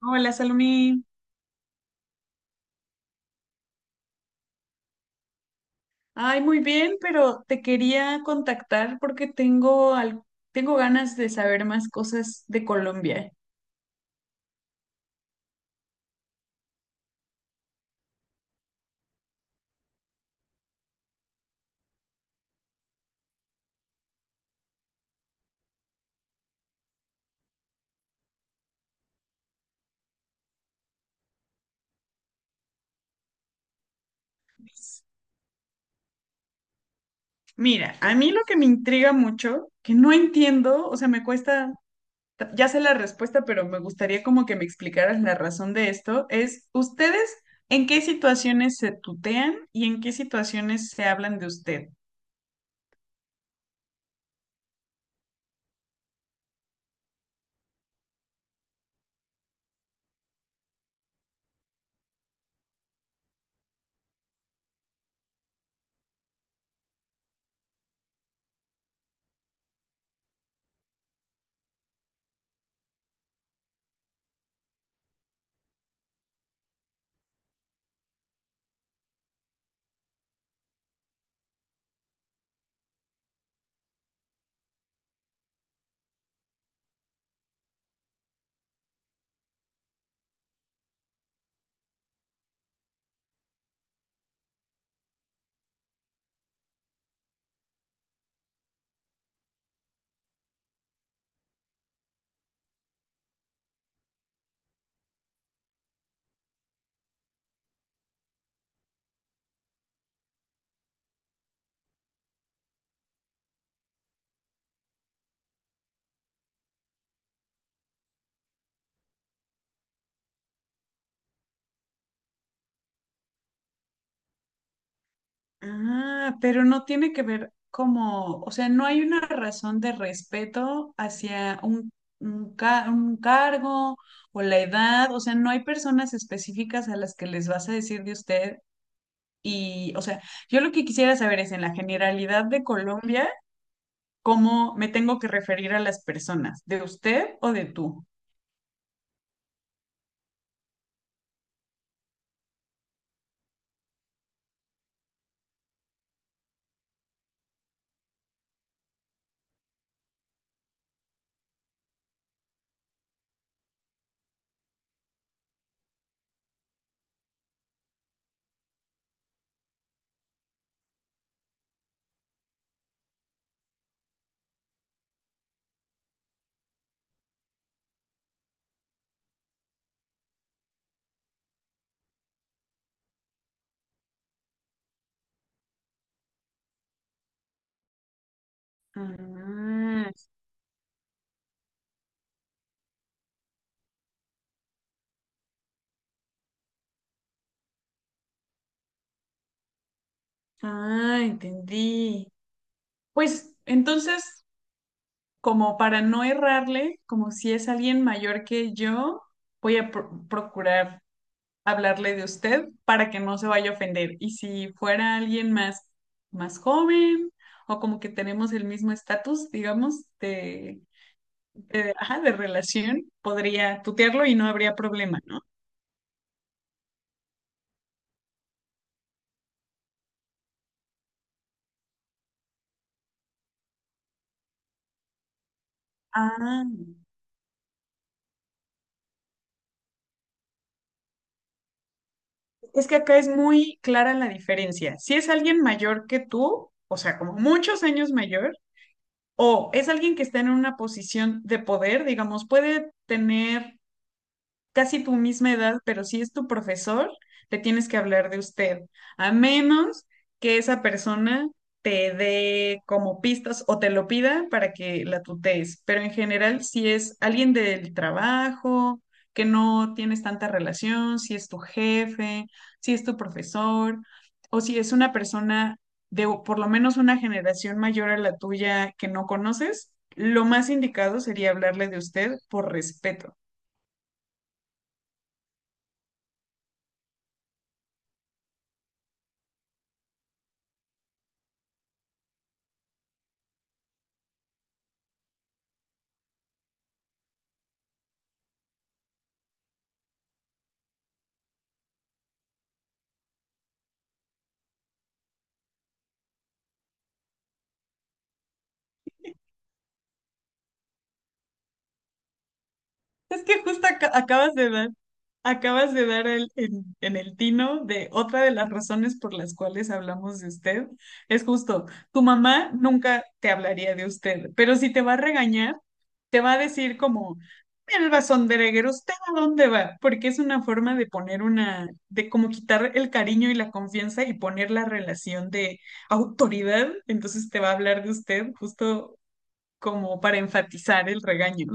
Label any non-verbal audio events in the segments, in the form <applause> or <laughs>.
Hola, Salomí. Ay, muy bien, pero te quería contactar porque tengo, tengo ganas de saber más cosas de Colombia. Mira, a mí lo que me intriga mucho, que no entiendo, o sea, me cuesta, ya sé la respuesta, pero me gustaría como que me explicaras la razón de esto, es ¿ustedes en qué situaciones se tutean y en qué situaciones se hablan de usted? Ah, pero no tiene que ver como, o sea, no hay una razón de respeto hacia un cargo o la edad, o sea, no hay personas específicas a las que les vas a decir de usted y, o sea, yo lo que quisiera saber es en la generalidad de Colombia, ¿cómo me tengo que referir a las personas? ¿De usted o de tú? Ah, ah, entendí. Pues entonces como para no errarle, como si es alguien mayor que yo, voy a procurar hablarle de usted para que no se vaya a ofender. Y si fuera alguien más, más joven o como que tenemos el mismo estatus, digamos, ajá, de relación, podría tutearlo y no habría problema, ¿no? Ah, es que acá es muy clara la diferencia. Si es alguien mayor que tú, o sea, como muchos años mayor, o es alguien que está en una posición de poder, digamos, puede tener casi tu misma edad, pero si es tu profesor, le tienes que hablar de usted, a menos que esa persona te dé como pistas o te lo pida para que la tutees. Pero en general, si es alguien del trabajo, que no tienes tanta relación, si es tu jefe, si es tu profesor, o si es una persona de por lo menos una generación mayor a la tuya que no conoces, lo más indicado sería hablarle de usted por respeto. Es que justo acabas de dar en el tino de otra de las razones por las cuales hablamos de usted. Es justo, tu mamá nunca te hablaría de usted, pero si te va a regañar, te va a decir como, el rezondereguero, ¿usted a dónde va? Porque es una forma de poner una, de como quitar el cariño y la confianza y poner la relación de autoridad. Entonces te va a hablar de usted justo como para enfatizar el regaño.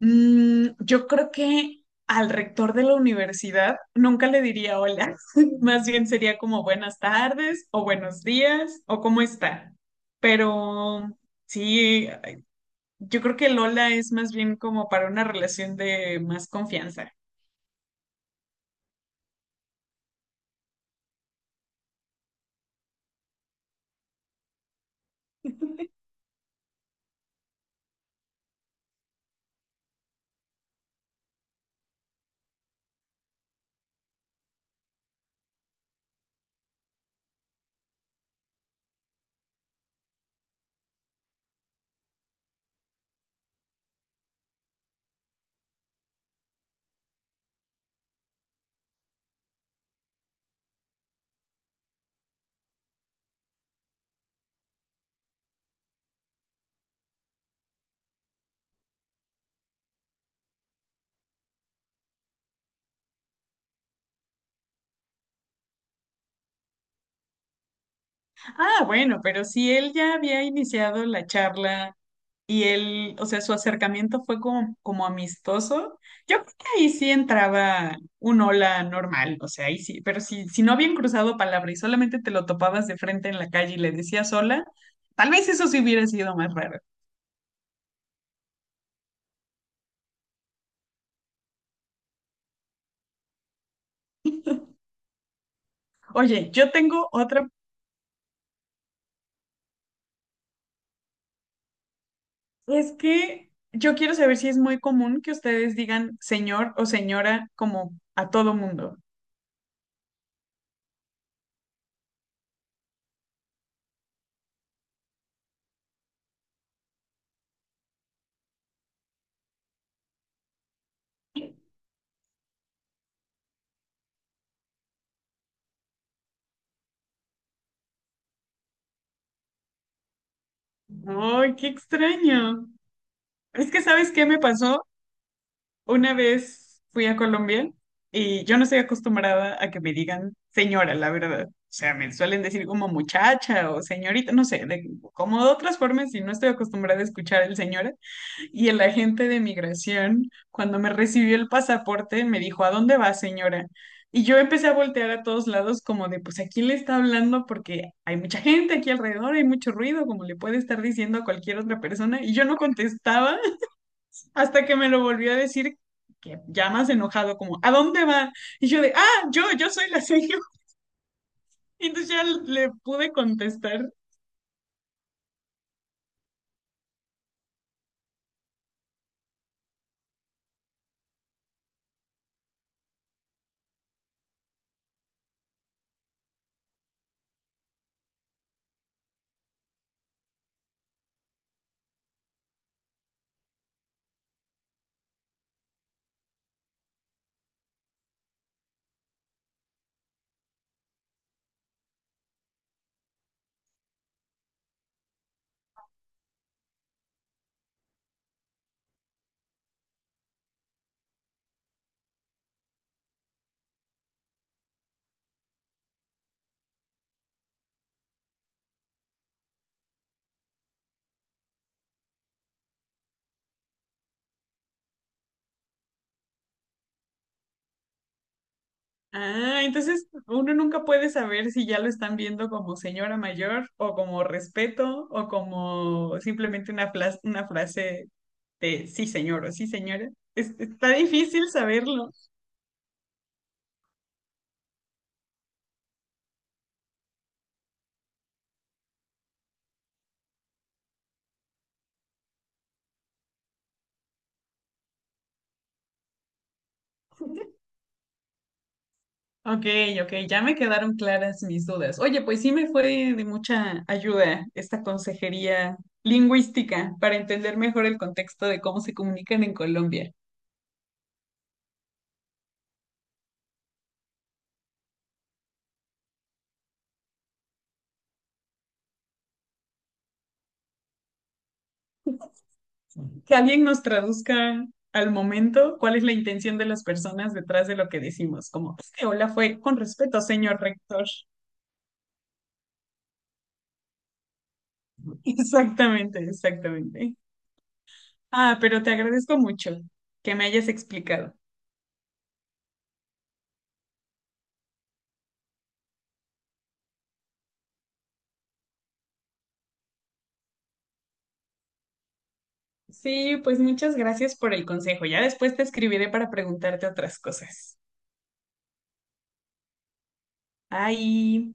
Mm, yo creo que al rector de la universidad nunca le diría hola, <laughs> más bien sería como buenas tardes o buenos días o cómo está. Pero sí, yo creo que el hola es más bien como para una relación de más confianza. Ah, bueno, pero si él ya había iniciado la charla. Y él, o sea, su acercamiento fue como, como amistoso. Yo creo que ahí sí entraba un hola normal, o sea, ahí sí, pero si, si no habían cruzado palabra y solamente te lo topabas de frente en la calle y le decías hola, tal vez eso sí hubiera sido más raro. Oye, yo tengo otra, es que yo quiero saber si es muy común que ustedes digan señor o señora como a todo mundo. ¡Ay, qué extraño! Es que, ¿sabes qué me pasó? Una vez fui a Colombia y yo no estoy acostumbrada a que me digan señora, la verdad. O sea, me suelen decir como muchacha o señorita, no sé, como de otras formas y no estoy acostumbrada a escuchar el señora. Y el agente de migración, cuando me recibió el pasaporte, me dijo, ¿a dónde va, señora? Y yo empecé a voltear a todos lados como de, pues, ¿a quién le está hablando? Porque hay mucha gente aquí alrededor, hay mucho ruido, como le puede estar diciendo a cualquier otra persona. Y yo no contestaba hasta que me lo volvió a decir, que ya más enojado, como, ¿a dónde va? Y yo de, ah, yo soy la seño. <laughs> Y entonces ya le pude contestar. Ah, entonces uno nunca puede saber si ya lo están viendo como señora mayor o como respeto o como simplemente una frase de sí señor o sí señora. Está difícil saberlo. Ok, ok, ya me quedaron claras mis dudas. Oye, pues sí me fue de mucha ayuda esta consejería lingüística para entender mejor el contexto de cómo se comunican en Colombia. Que alguien nos traduzca al momento cuál es la intención de las personas detrás de lo que decimos, como, este hola fue con respeto, señor rector. <laughs> Exactamente, exactamente. Ah, pero te agradezco mucho que me hayas explicado. Sí, pues muchas gracias por el consejo. Ya después te escribiré para preguntarte otras cosas. Ahí.